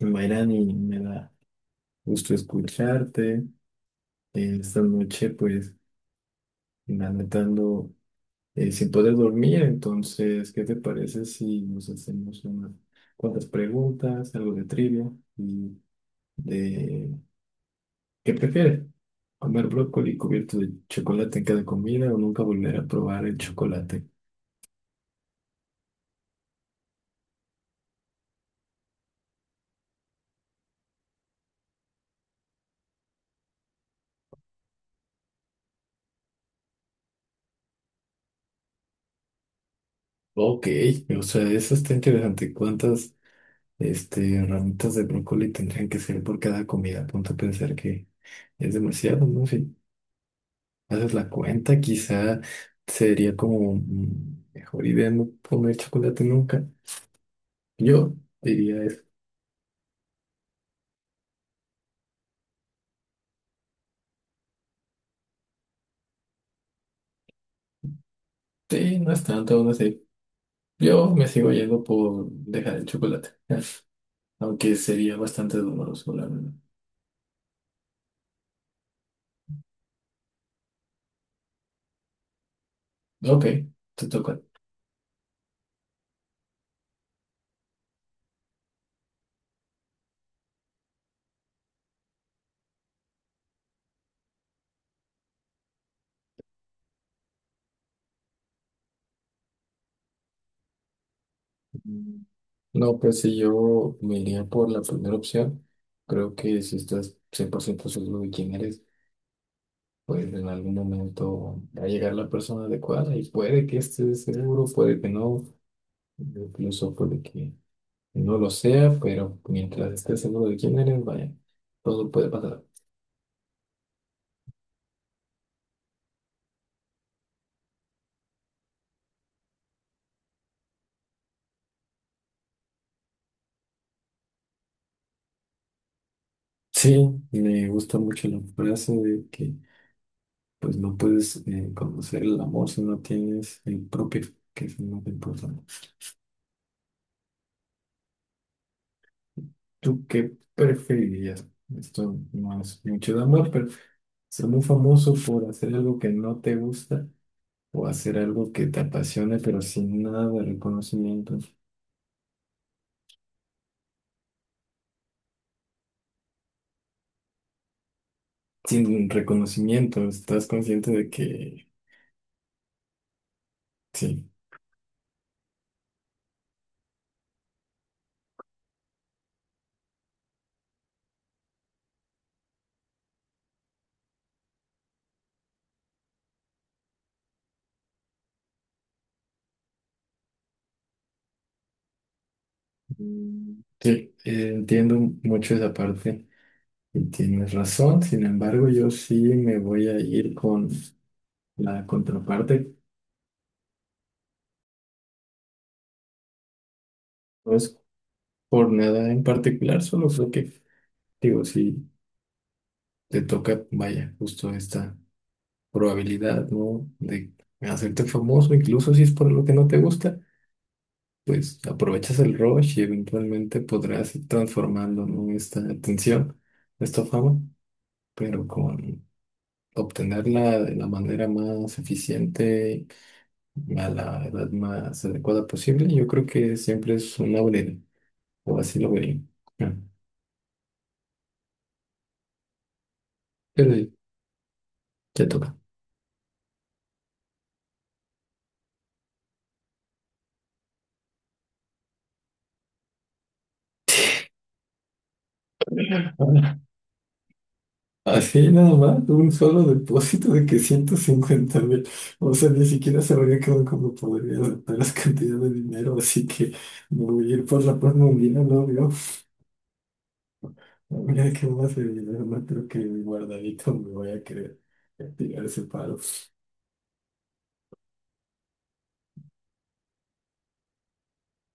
Mayrani, me da gusto escucharte. Esta noche, pues, la neta ando, sin poder dormir, entonces, ¿qué te parece si nos hacemos unas cuantas preguntas, algo de trivia y de qué prefieres? ¿Comer brócoli cubierto de chocolate en cada comida o nunca volver a probar el chocolate? Ok, o sea, eso está interesante. ¿Cuántas, ramitas de brócoli tendrían que ser por cada comida? Ponte a pensar que es demasiado, ¿no? Sí. Haces la cuenta, quizá sería como mejor idea no comer chocolate nunca. Yo diría eso. Sí, no es tanto, no sé. Yo me sigo yendo por dejar el chocolate, aunque sería bastante doloroso, la verdad. Ok, te toca. Mm, No, pues si yo me iría por la primera opción, creo que si estás 100% seguro de quién eres, pues en algún momento va a llegar la persona adecuada y puede que estés seguro, puede que no. Yo pienso pues de que no lo sea, pero mientras estés seguro de quién eres, vaya, todo puede pasar. Sí, me gusta mucho la frase de que pues no puedes conocer el amor si no tienes el propio, que es lo más importante. ¿Tú qué preferirías? Esto no es mucho de amor, pero ser muy famoso por hacer algo que no te gusta o hacer algo que te apasione, pero sin nada de reconocimiento. Sin reconocimiento, estás consciente de que. Sí, sí, entiendo mucho esa parte y tienes razón. Sin embargo, yo sí me voy a ir con la contraparte. No es por nada en particular, solo creo que, digo, si te toca, vaya, justo esta probabilidad, ¿no? De hacerte famoso, incluso si es por lo que no te gusta, pues aprovechas el rush y eventualmente podrás ir transformando, ¿no? Esta atención, esta fama, pero con obtenerla de la manera más eficiente a la edad más adecuada posible, yo creo que siempre es una buena idea, o así lo vería. Ah, pero ya toca. Ah, así nada más, un solo depósito de que 150,000. O sea, ni siquiera sabría cómo podría adaptar las cantidades de dinero, así que me voy a ir por la paz mundial, no veo. Mira qué más de dinero, no creo que mi guardadito me voy a querer tirar ese paro.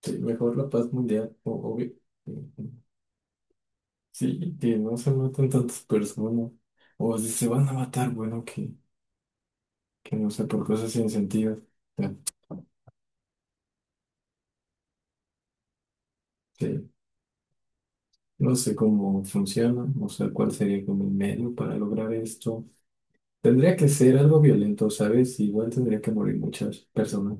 Sí, mejor la paz mundial, o- obvio. Ujú. Sí, que no se maten tantas personas. O si se van a matar, bueno, que no sé, por cosas sin sentido. O sí. No sé cómo funciona, no sé cuál sería como el medio para lograr esto. Tendría que ser algo violento, ¿sabes? Igual tendría que morir muchas personas.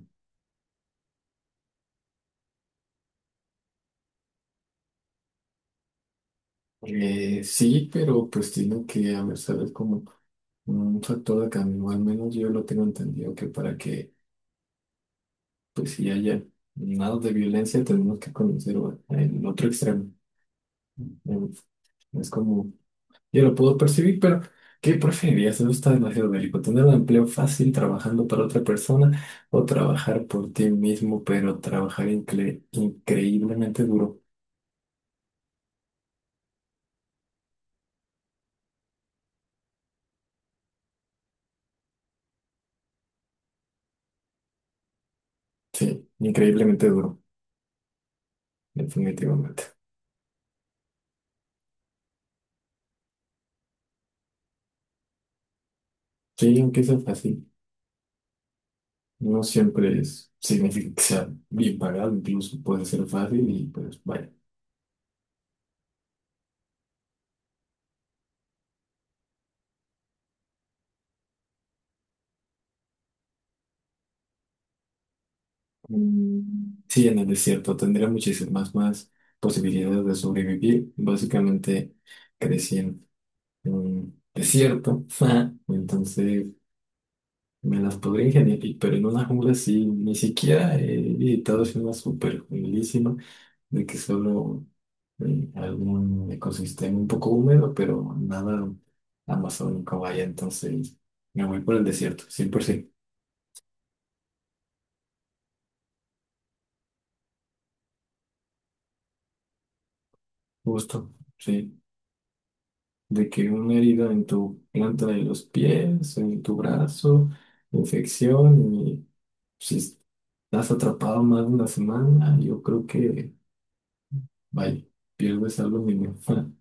Sí, pero pues tiene que haber, ¿sabes? Como un factor de cambio. Al menos yo lo tengo entendido que para que pues si haya nada de violencia, tenemos que conocer el otro extremo. Mm, Es como, yo lo puedo percibir, pero ¿qué preferirías? Eso está demasiado bélico. ¿Tener un empleo fácil trabajando para otra persona o trabajar por ti mismo, pero trabajar increíblemente duro? Sí, increíblemente duro, definitivamente. Sí, aunque sea fácil, no siempre es, significa que sea bien pagado, incluso puede ser fácil y pues vaya. Sí, en el desierto tendría muchísimas más posibilidades de sobrevivir. Básicamente crecí en un desierto, entonces me las podría ingeniar, y- pero en una jungla sí, ni siquiera he visitado es una super junglísima de que solo algún ecosistema un poco húmedo, pero nada amazónico vaya, entonces me voy por el desierto, 100%. Justo, sí. De que una herida en tu planta de los pies, en tu brazo, infección, y si estás atrapado más de una semana, yo creo que, vaya, pierdes algo mínimo.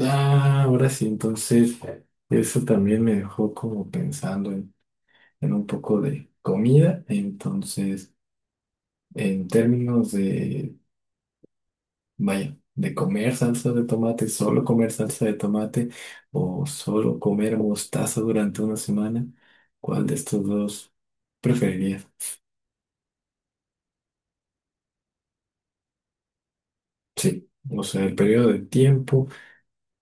Ah, ahora sí, entonces, eso también me dejó como pensando en un poco de comida, entonces, en términos de vaya, de comer salsa de tomate, solo comer salsa de tomate o solo comer mostaza durante una semana, ¿cuál de estos dos preferirías? Sí, o sea, el periodo de tiempo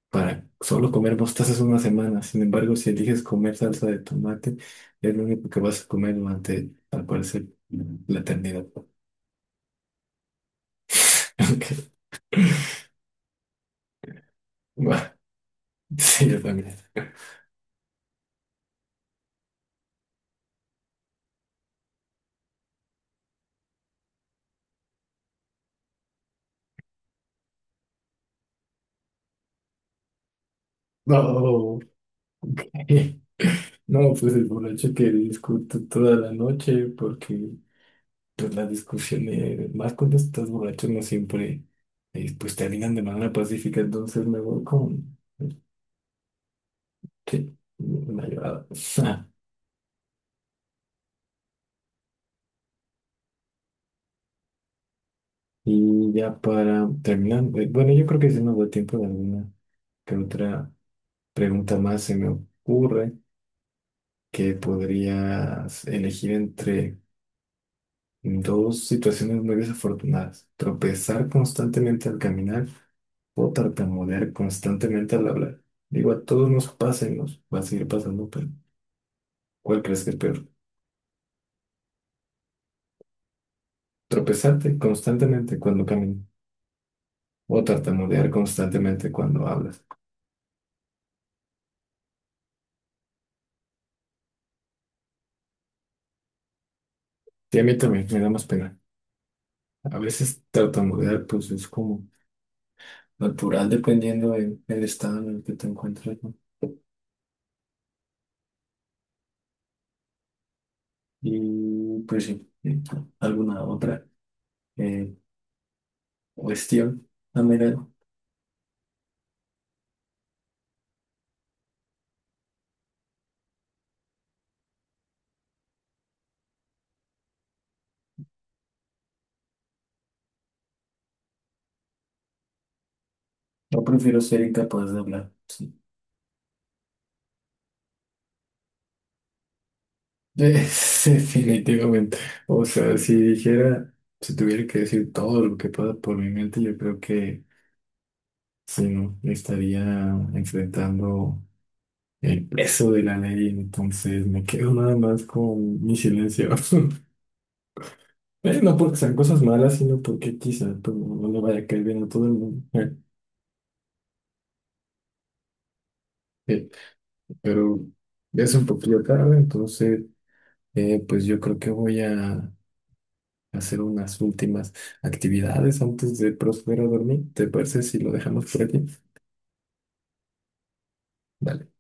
para solo comer mostaza es una semana. Sin embargo, si eliges comer salsa de tomate, es lo único que vas a comer durante, al parecer, la eternidad. Ok, va. Sí, yo también. No, no, pues el borracho que discute toda la noche porque pues las discusiones, más cuando estás borracho, no siempre, pues terminan de manera pacífica, entonces me voy con, sí, una llorada. Y ya para terminar, bueno, yo creo que si nos da tiempo de alguna que otra pregunta más se me ocurre que podrías elegir entre dos situaciones muy desafortunadas. Tropezar constantemente al caminar o tartamudear constantemente al hablar. Digo, a todos nos pasa y nos va a seguir pasando, pero ¿cuál crees que es peor? Tropezarte constantemente cuando caminas o tartamudear constantemente cuando hablas. Y a mí también me da más pena. A veces tartamudear pues es como natural dependiendo del estado en el que te encuentras, ¿no? Y pues sí, alguna otra eh, cuestión. Ah, mira, Yo prefiero ser incapaz de hablar. Sí. Es definitivamente. O sea, si dijera, si tuviera que decir todo lo que pasa por mi mente, yo creo que sí, no, estaría enfrentando el peso de la ley, entonces me quedo nada más con mi silencio. No porque sean cosas malas, sino porque quizá pues, no le vaya a caer bien a todo el mundo. eh, pero ya es un poquito tarde, entonces pues yo creo que voy a hacer unas últimas actividades antes de proceder a dormir. ¿Te parece si lo dejamos por aquí? Dale.